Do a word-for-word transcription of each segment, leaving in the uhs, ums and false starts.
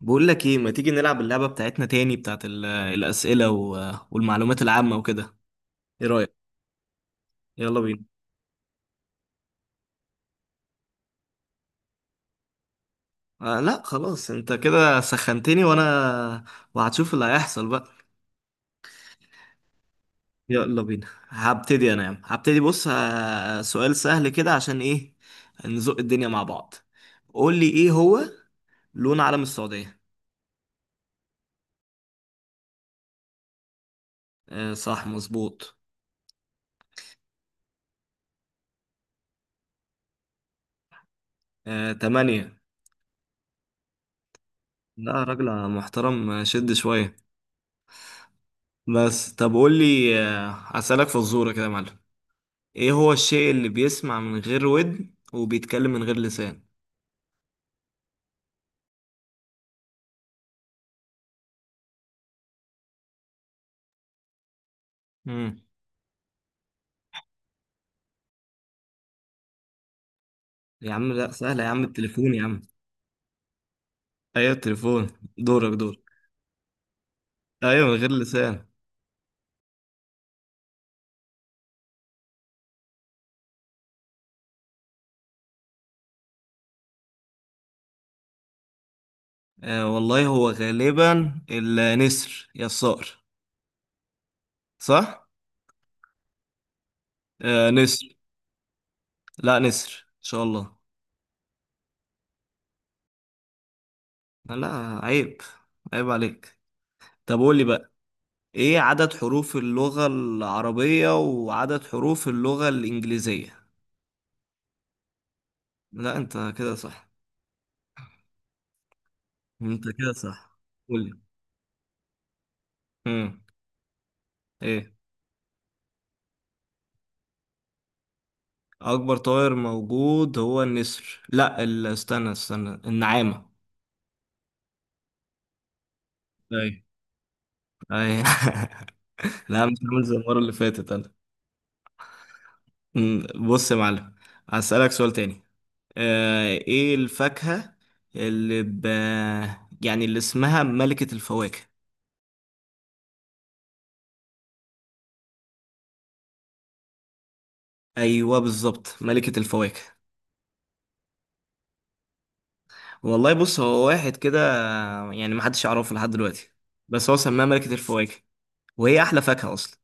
بقول لك ايه، ما تيجي نلعب اللعبة بتاعتنا تاني، بتاعت ال- الأسئلة و- والمعلومات العامة وكده؟ ايه رأيك؟ يلا بينا. آه لا، خلاص انت كده سخنتني، وانا وهتشوف اللي هيحصل بقى. يلا بينا. هبتدي انا يا عم، هبتدي. بص، آه، سؤال سهل كده، عشان ايه؟ نزق الدنيا مع بعض. قول لي، ايه هو لون علم السعودية؟ آه صح، مظبوط. آه، تمانية. لا يا راجل محترم، آه، شد شوية. بس طب قول لي، آه، هسألك فزورة كده يا معلم. ايه هو الشيء اللي بيسمع من غير ودن وبيتكلم من غير لسان؟ امم. يا عم لا، سهلة يا عم، التليفون يا عم. ايوه، التليفون. دورك، دور. ايوه، من غير لسان. آه والله، هو غالبا النسر يا الصقر، صح؟ آه، نسر. لا، نسر ان شاء الله. لا، عيب، عيب عليك. طب قول لي بقى، ايه عدد حروف اللغة العربية وعدد حروف اللغة الإنجليزية؟ لا، انت كده صح. انت كده صح. قول لي. امم. ايه اكبر طائر موجود؟ هو النسر، لا ال- استنى استنى، النعامة. ايوه، ايوه لا، مش عامل زي المرة اللي فاتت انا. أمم، بص يا معلم، هسألك سؤال تاني. آه، ايه الفاكهة اللي ب... يعني اللي اسمها ملكة الفواكه؟ ايوه بالظبط، ملكة الفواكه. والله بص، هو واحد كده، يعني محدش يعرفه لحد دلوقتي، بس هو سماها ملكة الفواكه، وهي احلى فاكهة اصلا.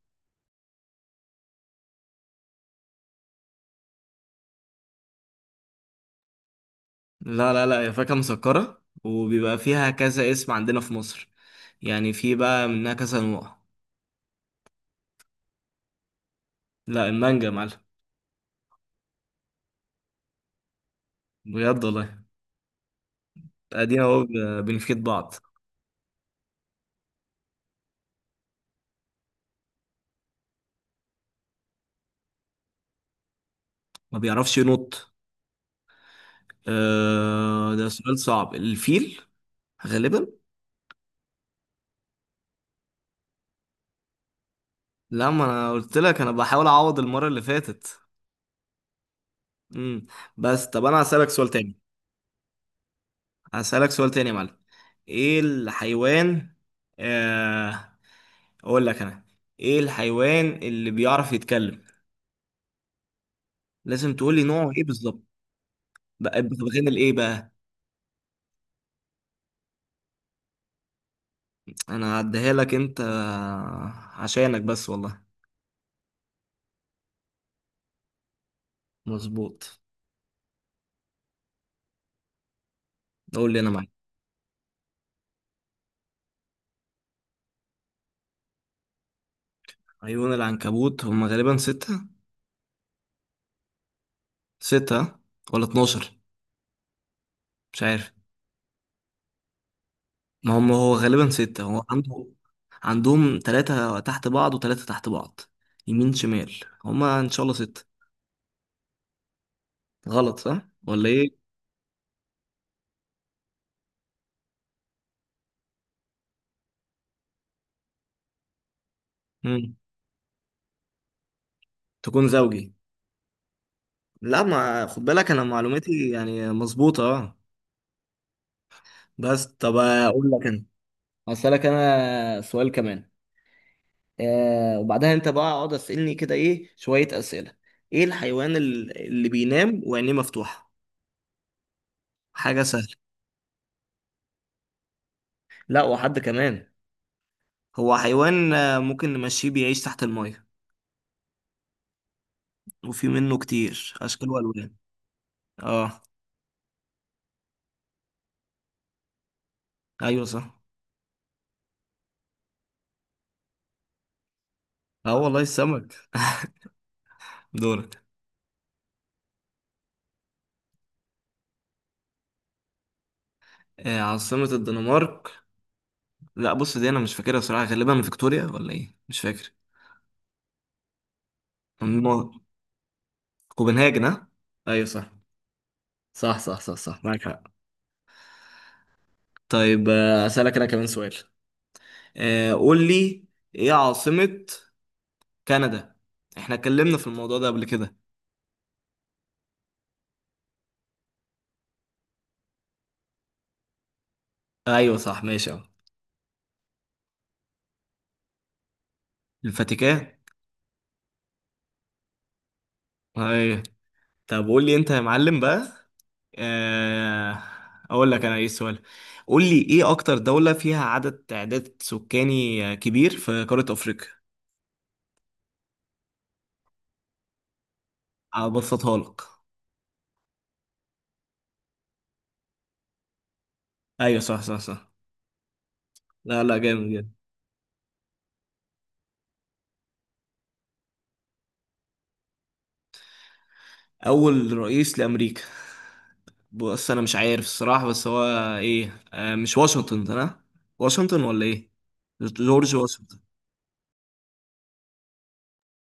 لا لا لا، هي فاكهة مسكرة، وبيبقى فيها كذا اسم عندنا في مصر، يعني في بقى منها كذا نوع. لا، المانجا يا معلم. بجد والله. ادينا اهو، ب- بنفيد بعض. ما بيعرفش ينط. آه ده سؤال صعب، الفيل، غالبا. لا، ما انا قلت لك، انا بحاول اعوض المرة اللي فاتت. امم. بس طب انا هسألك سؤال تاني. هسألك سؤال تاني يا معلم. ايه الحيوان. آه اقول لك انا، ايه الحيوان اللي بيعرف يتكلم؟ لازم تقولي نوعه ايه بالظبط. بقى بتتغني لايه بقى؟ انا هعديها لك انت، عشانك بس والله. مظبوط. قول لي، انا معاك. عيون العنكبوت هم غالبا ستة. ستة ولا اتناشر؟ مش عارف. ما هم هو غالبا ستة، هو عنده، عندهم ثلاثة تحت بعض وثلاثة تحت بعض، يمين شمال. هما ان شاء الله ستة. غلط صح ولا ايه؟ مم. تكون زوجي. لا، ما خد بالك، انا معلوماتي يعني مظبوطة، اه. بس طب اقول لك انا، هسألك أنا سؤال كمان. آه وبعدها أنت بقى اقعد أسألني كده إيه شوية أسئلة. إيه الحيوان ال- اللي بينام وعينيه مفتوحة؟ حاجة سهلة. لا، وحد كمان. هو حيوان، آه، ممكن نمشيه، بيعيش تحت المية، وفي منه كتير أشكال وألوان. آه. أيوة صح. آه والله، السمك. دورك. آه، عاصمة الدنمارك. لا بص، دي أنا مش فاكرها بصراحة، غالبا فيكتوريا ولا إيه، مش فاكر. النار. كوبنهاجن، ها، أيوة صح. صح، صح، صح، صح، معاك حق. طيب، آه، أسألك أنا كمان سؤال. آه، قول لي، إيه عاصمة كندا؟ إحنا اتكلمنا في الموضوع ده قبل كده. أيوه صح، ماشي أهو. الفاتيكان. أيوه. طب قول لي أنت يا معلم بقى، آه، أقول لك أنا إيه السؤال. قول لي، إيه أكتر دولة فيها عدد تعداد سكاني آه، كبير في قارة أفريقيا؟ أبسطها لك. أيوه صح، صح، صح. لا لا، جامد جدا. اول رئيس لامريكا. بص انا مش عارف الصراحه، بس هو ايه، آه مش واشنطن ده أنا؟ واشنطن ولا ايه، جورج واشنطن.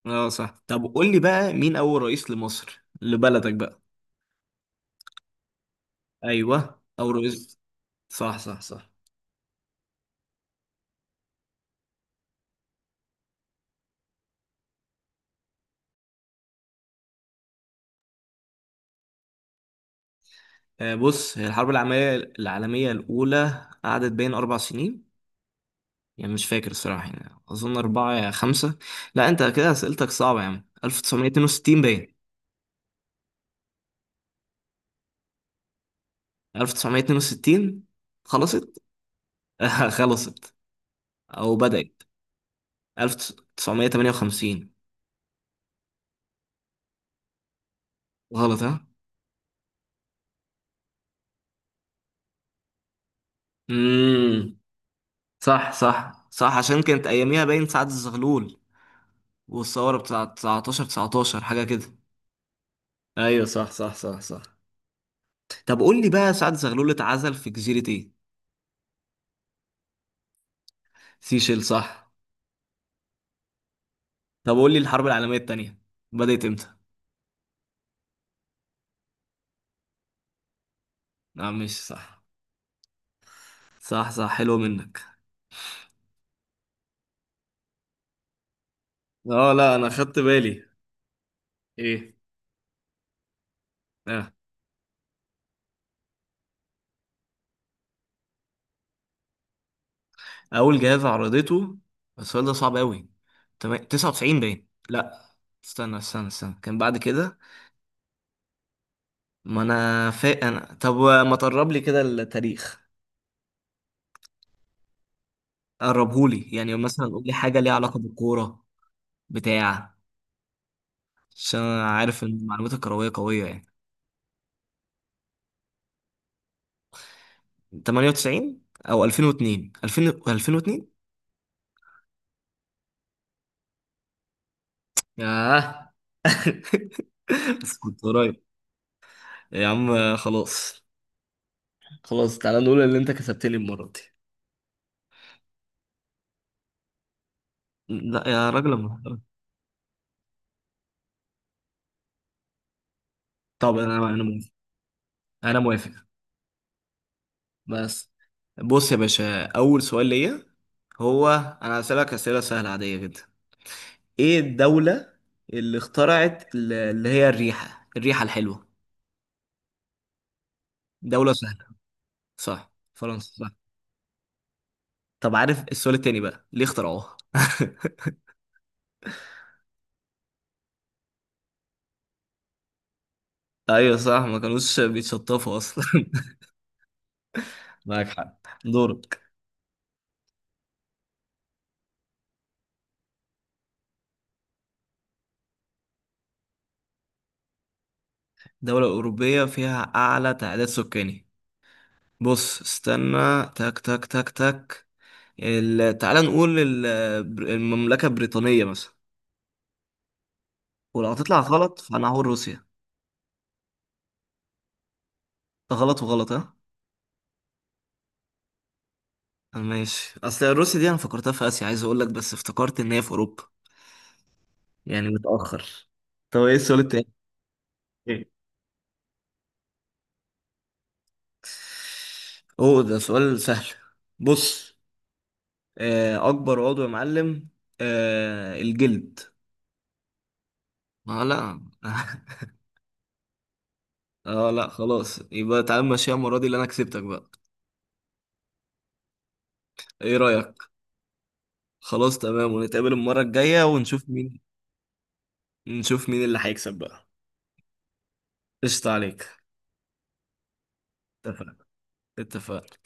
اه صح. طب قول لي بقى، مين اول رئيس لمصر، لبلدك بقى؟ ايوه، اول رئيس. صح، صح، صح. آه بص، هي الحرب العالميه العالميه الاولى قعدت بين اربع سنين، يعني مش فاكر الصراحه، يعني اظن اربعه يا خمسه. لا انت كده اسئلتك صعبه يا عم. ألف تسعمية اتنين وستين، باين. ألف وتسعمئة واثنين وستين، خلصت. خلصت او بدأت. ألف وتسعمئة وثمانية وخمسين. غلط ها. امم. صح، صح، صح، عشان كانت اياميها باين سعد الزغلول والثوره بتاع تسعة عشر تسعة عشر حاجه كده. ايوه صح، صح، صح، صح. طب قول لي بقى، سعد الزغلول اتعزل في جزيره ايه؟ سيشيل، صح. طب قول لي، الحرب العالميه الثانيه بدأت امتى؟ لا مش صح. صح، صح، حلو منك. اه لا، انا خدت بالي. ايه. اه. اول جهاز عرضته. السؤال ده صعب قوي. تمام، تسعة وتسعين، باين، لا. استنى، استنى، استنى، كان بعد كده. ما انا فاق انا، طب ما تقرب لي كده التاريخ، قربهولي، يعني مثلا قول لي حاجه ليها علاقه بالكوره بتاع، عشان انا عارف ان المعلومات الكرويه قويه يعني. تمنية وتسعين او ألفين و اثنين، ألفين، ألفين و اثنين. ياه. بس كنت قريب. يا عم خلاص. خلاص، تعالى نقول اللي انت كسبت لي المره دي. لا يا راجل يا محترم. طب انا انا انا موافق. بس بص يا باشا، اول سؤال ليا هو، انا هسألك اسئله سهله عاديه جدا. ايه الدوله اللي اخترعت ال- اللي هي الريحه الريحه الحلوه؟ دوله سهله. صح، فرنسا صح. طب عارف السؤال التاني بقى، ليه اخترعوها؟ ايوه صح، ما كانوش بيتشطفوا اصلا. معاك حق. دورك. دولة أوروبية فيها أعلى تعداد سكاني. بص استنى، تك، تك، تك، تك، ال- تعالى نقول، ال- بر- المملكة البريطانية مثلا. ولو هتطلع غلط، فأنا هقول روسيا. غلط وغلط، ها. ماشي، أصل روسيا دي أنا فكرتها في آسيا، عايز أقول لك، بس افتكرت إن هي في أوروبا، يعني متأخر. طب إيه السؤال التاني؟ إيه؟ أوه، ده سؤال سهل. بص، آه، أكبر عضو يا معلم، آه، الجلد. آه لا آه لا، خلاص يبقى، تعال ماشي، المرة دي اللي أنا كسبتك بقى، إيه رأيك؟ خلاص تمام، ونتقابل المرة الجاية، ونشوف مين، نشوف مين اللي هيكسب بقى. قشطة عليك. اتفقنا، اتفقنا.